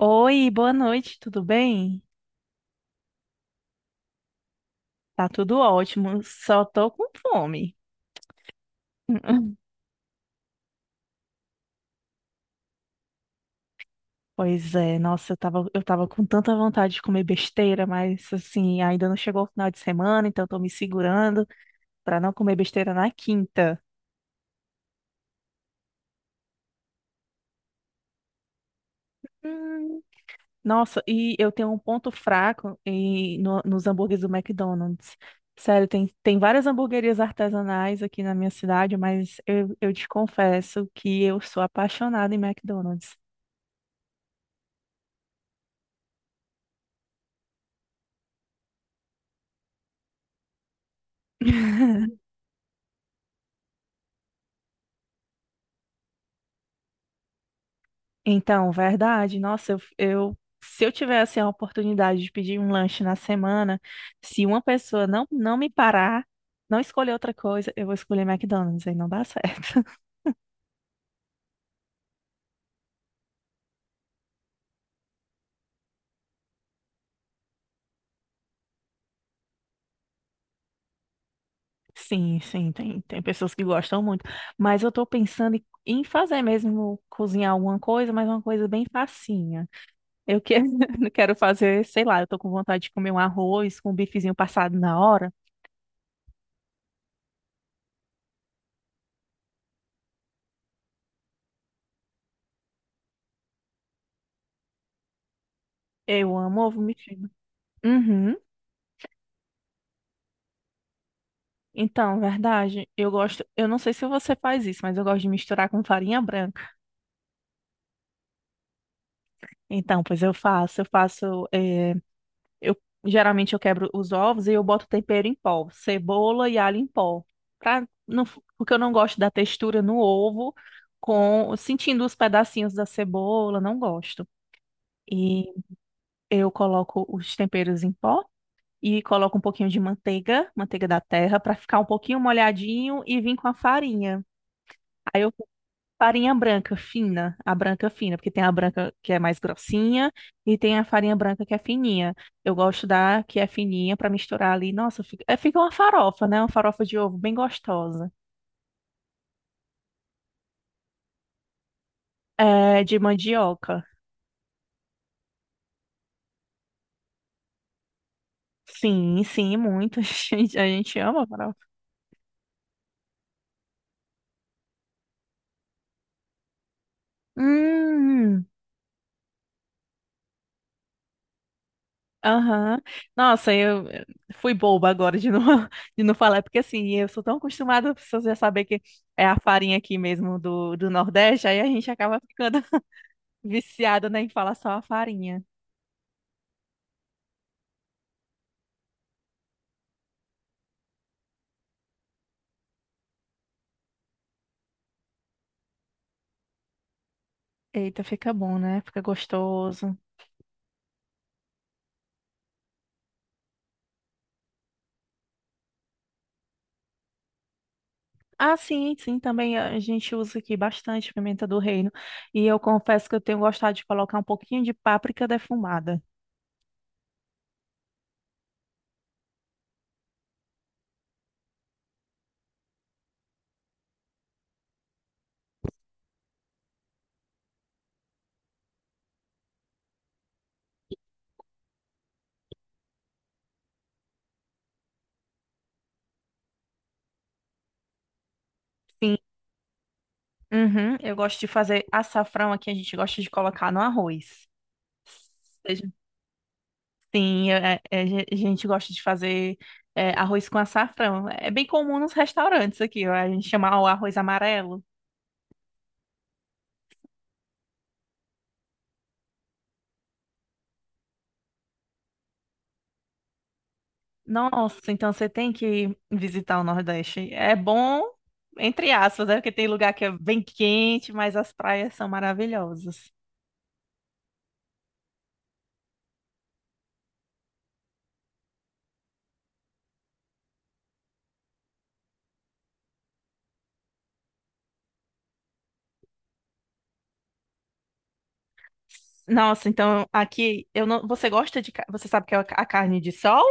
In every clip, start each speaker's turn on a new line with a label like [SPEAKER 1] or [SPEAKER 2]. [SPEAKER 1] Oi, boa noite, tudo bem? Tá tudo ótimo, só tô com fome. Pois é, nossa, eu tava com tanta vontade de comer besteira, mas assim, ainda não chegou o final de semana, então tô me segurando pra não comer besteira na quinta. Hum, nossa, e eu tenho um ponto fraco nos hambúrgueres do McDonald's. Sério, tem várias hamburguerias artesanais aqui na minha cidade, mas eu te confesso que eu sou apaixonada em McDonald's. Então, verdade. Nossa, se eu tivesse a oportunidade de pedir um lanche na semana, se uma pessoa não me parar, não escolher outra coisa, eu vou escolher McDonald's, aí não dá certo. Sim, sim, tem pessoas que gostam muito. Mas eu tô pensando em fazer mesmo, cozinhar alguma coisa, mas uma coisa bem facinha. Eu que, quero fazer, sei lá, eu tô com vontade de comer um arroz com um bifezinho passado na hora. Eu amo ovo mexido. Uhum. Então, verdade, eu gosto, eu não sei se você faz isso, mas eu gosto de misturar com farinha branca. Então, pois eu faço, eu geralmente eu quebro os ovos e eu boto tempero em pó, cebola e alho em pó, pra, não, f- porque eu não gosto da textura no ovo, com sentindo os pedacinhos da cebola, não gosto. E eu coloco os temperos em pó e coloco um pouquinho de manteiga, manteiga da terra, para ficar um pouquinho molhadinho e vim com a farinha. Farinha branca fina, a branca fina, porque tem a branca que é mais grossinha e tem a farinha branca que é fininha. Eu gosto da que é fininha para misturar ali. Nossa, fica uma farofa, né? Uma farofa de ovo bem gostosa. É, de mandioca. Sim, sim, muito. A gente ama farofa. Hum, aham. Nossa, eu fui boba agora de não, de não falar, porque assim, eu sou tão acostumada, as pessoas já saber que é a farinha aqui mesmo do Nordeste, aí a gente acaba ficando. Viciada, né, em falar só a farinha. Eita, fica bom, né? Fica gostoso. Ah, sim, sim, também a gente usa aqui bastante pimenta do reino. E eu confesso que eu tenho gostado de colocar um pouquinho de páprica defumada. Sim. Uhum, eu gosto de fazer açafrão aqui, a gente gosta de colocar no arroz. Seja- a gente gosta de fazer arroz com açafrão. É bem comum nos restaurantes aqui, ó, a gente chama o arroz amarelo. Nossa, então você tem que visitar o Nordeste. É bom, entre aspas, né? Porque tem lugar que é bem quente, mas as praias são maravilhosas. Nossa, então aqui eu não. Você gosta de. Ca- Você sabe que é a carne de sol?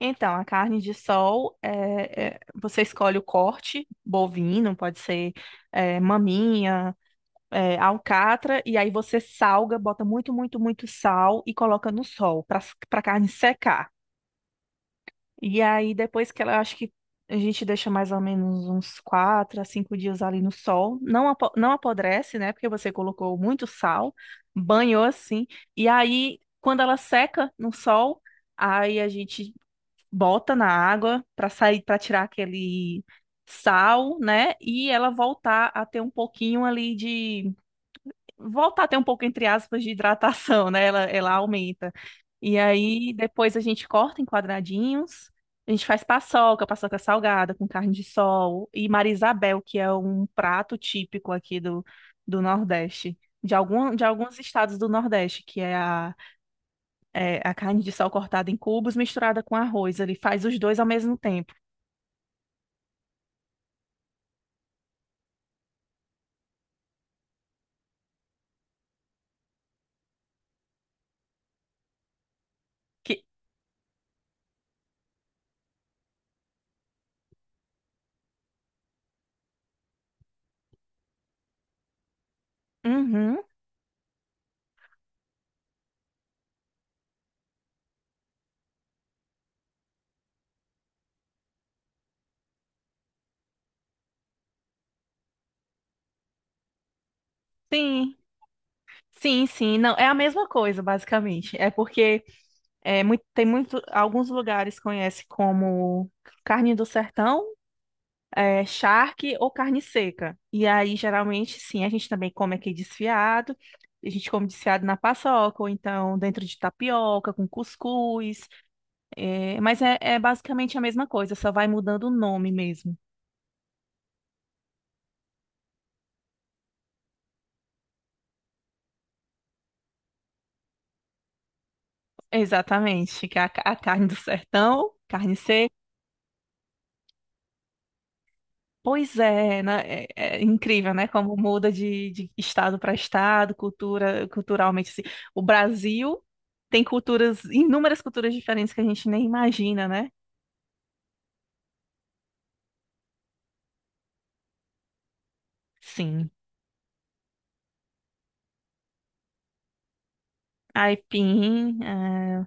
[SPEAKER 1] Então, a carne de sol você escolhe o corte bovino, pode ser maminha, alcatra, e aí você salga, bota muito, muito, muito sal e coloca no sol para para a carne secar. E aí, depois que ela, eu acho que a gente deixa mais ou menos uns quatro a cinco dias ali no sol. Não, não apodrece, né? Porque você colocou muito sal, banhou assim. E aí, quando ela seca no sol, aí a gente bota na água para sair, para tirar aquele sal, né? E ela voltar a ter um pouco, entre aspas, de hidratação, né? Ela aumenta. E aí depois a gente corta em quadradinhos, a gente faz paçoca, paçoca salgada com carne de sol e Marisabel, que é um prato típico aqui do Nordeste. De alguns estados do Nordeste, que é é a carne de sol cortada em cubos misturada com arroz. Ele faz os dois ao mesmo tempo. Que, uhum, sim, sim, sim. Não, é a mesma coisa, basicamente. É porque é, muito, tem muito, alguns lugares conhece como carne do sertão, charque ou carne seca. E aí, geralmente, sim, a gente também come aqui desfiado. A gente come desfiado na paçoca, ou então dentro de tapioca, com cuscuz. É basicamente a mesma coisa, só vai mudando o nome mesmo. Exatamente, que é a carne do sertão, carne seca. Pois é, né? É, é incrível, né? Como muda de estado para estado, cultura, culturalmente. Assim. O Brasil tem culturas, inúmeras culturas diferentes que a gente nem imagina, né? Sim. Aipim. É,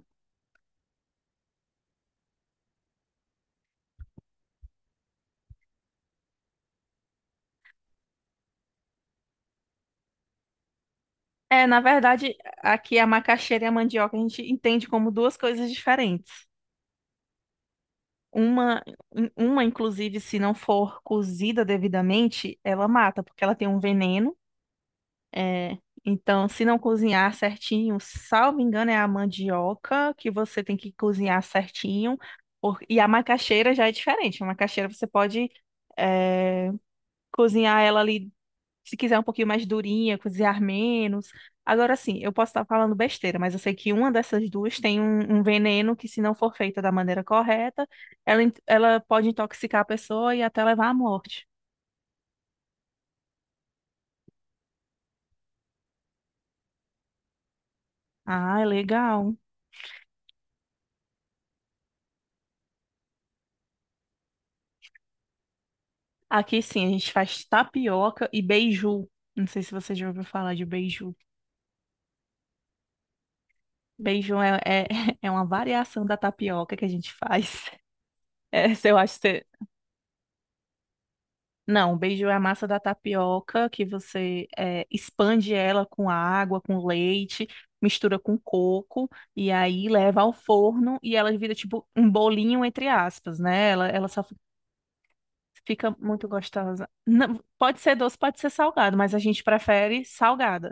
[SPEAKER 1] é, na verdade, aqui a macaxeira e a mandioca a gente entende como duas coisas diferentes. Uma, uma, inclusive, se não for cozida devidamente, ela mata, porque ela tem um veneno. É, então, se não cozinhar certinho, salvo engano, é a mandioca que você tem que cozinhar certinho. E a macaxeira já é diferente. A macaxeira você pode é, cozinhar ela ali, se quiser um pouquinho mais durinha, cozinhar menos. Agora sim, eu posso estar falando besteira, mas eu sei que uma dessas duas tem um veneno que, se não for feita da maneira correta, ela pode intoxicar a pessoa e até levar à morte. Ah, é legal. Aqui sim, a gente faz tapioca e beiju. Não sei se você já ouviu falar de beiju. Beiju é uma variação da tapioca que a gente faz. Essa eu acho que você... Não, beiju é a massa da tapioca que você expande ela com água, com leite, mistura com coco e aí leva ao forno e ela vira tipo um bolinho entre aspas, né? Fica muito gostosa. Não, pode ser doce, pode ser salgado, mas a gente prefere salgada.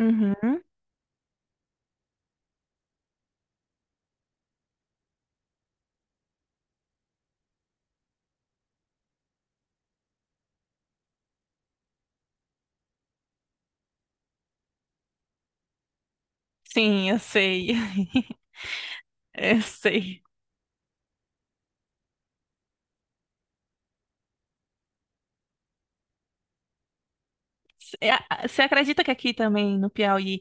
[SPEAKER 1] Uhum. Sim, eu sei. Eu sei. É, a- Você acredita que aqui também no Piauí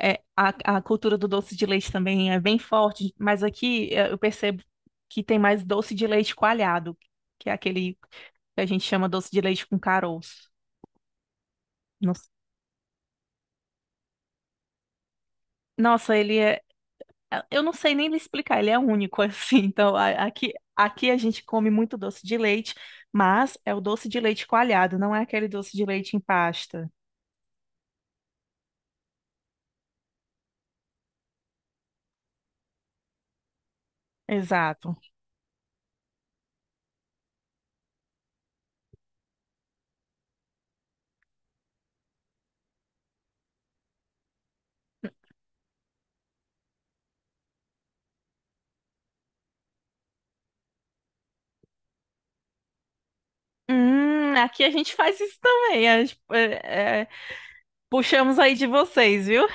[SPEAKER 1] a cultura do doce de leite também é bem forte, mas aqui eu percebo que tem mais doce de leite coalhado, que é aquele que a gente chama doce de leite com caroço. Nos- Nossa, ele é. Eu não sei nem lhe explicar, ele é único assim. Então, aqui, aqui a gente come muito doce de leite, mas é o doce de leite coalhado, não é aquele doce de leite em pasta. Exato. Aqui a gente faz isso também. A gente, puxamos aí de vocês, viu?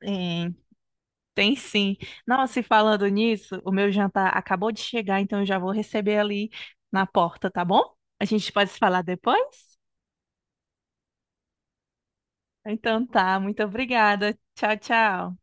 [SPEAKER 1] Tem, tem sim. Nossa, e falando nisso, o meu jantar acabou de chegar, então eu já vou receber ali na porta, tá bom? A gente pode se falar depois? Então tá, muito obrigada. Tchau, tchau.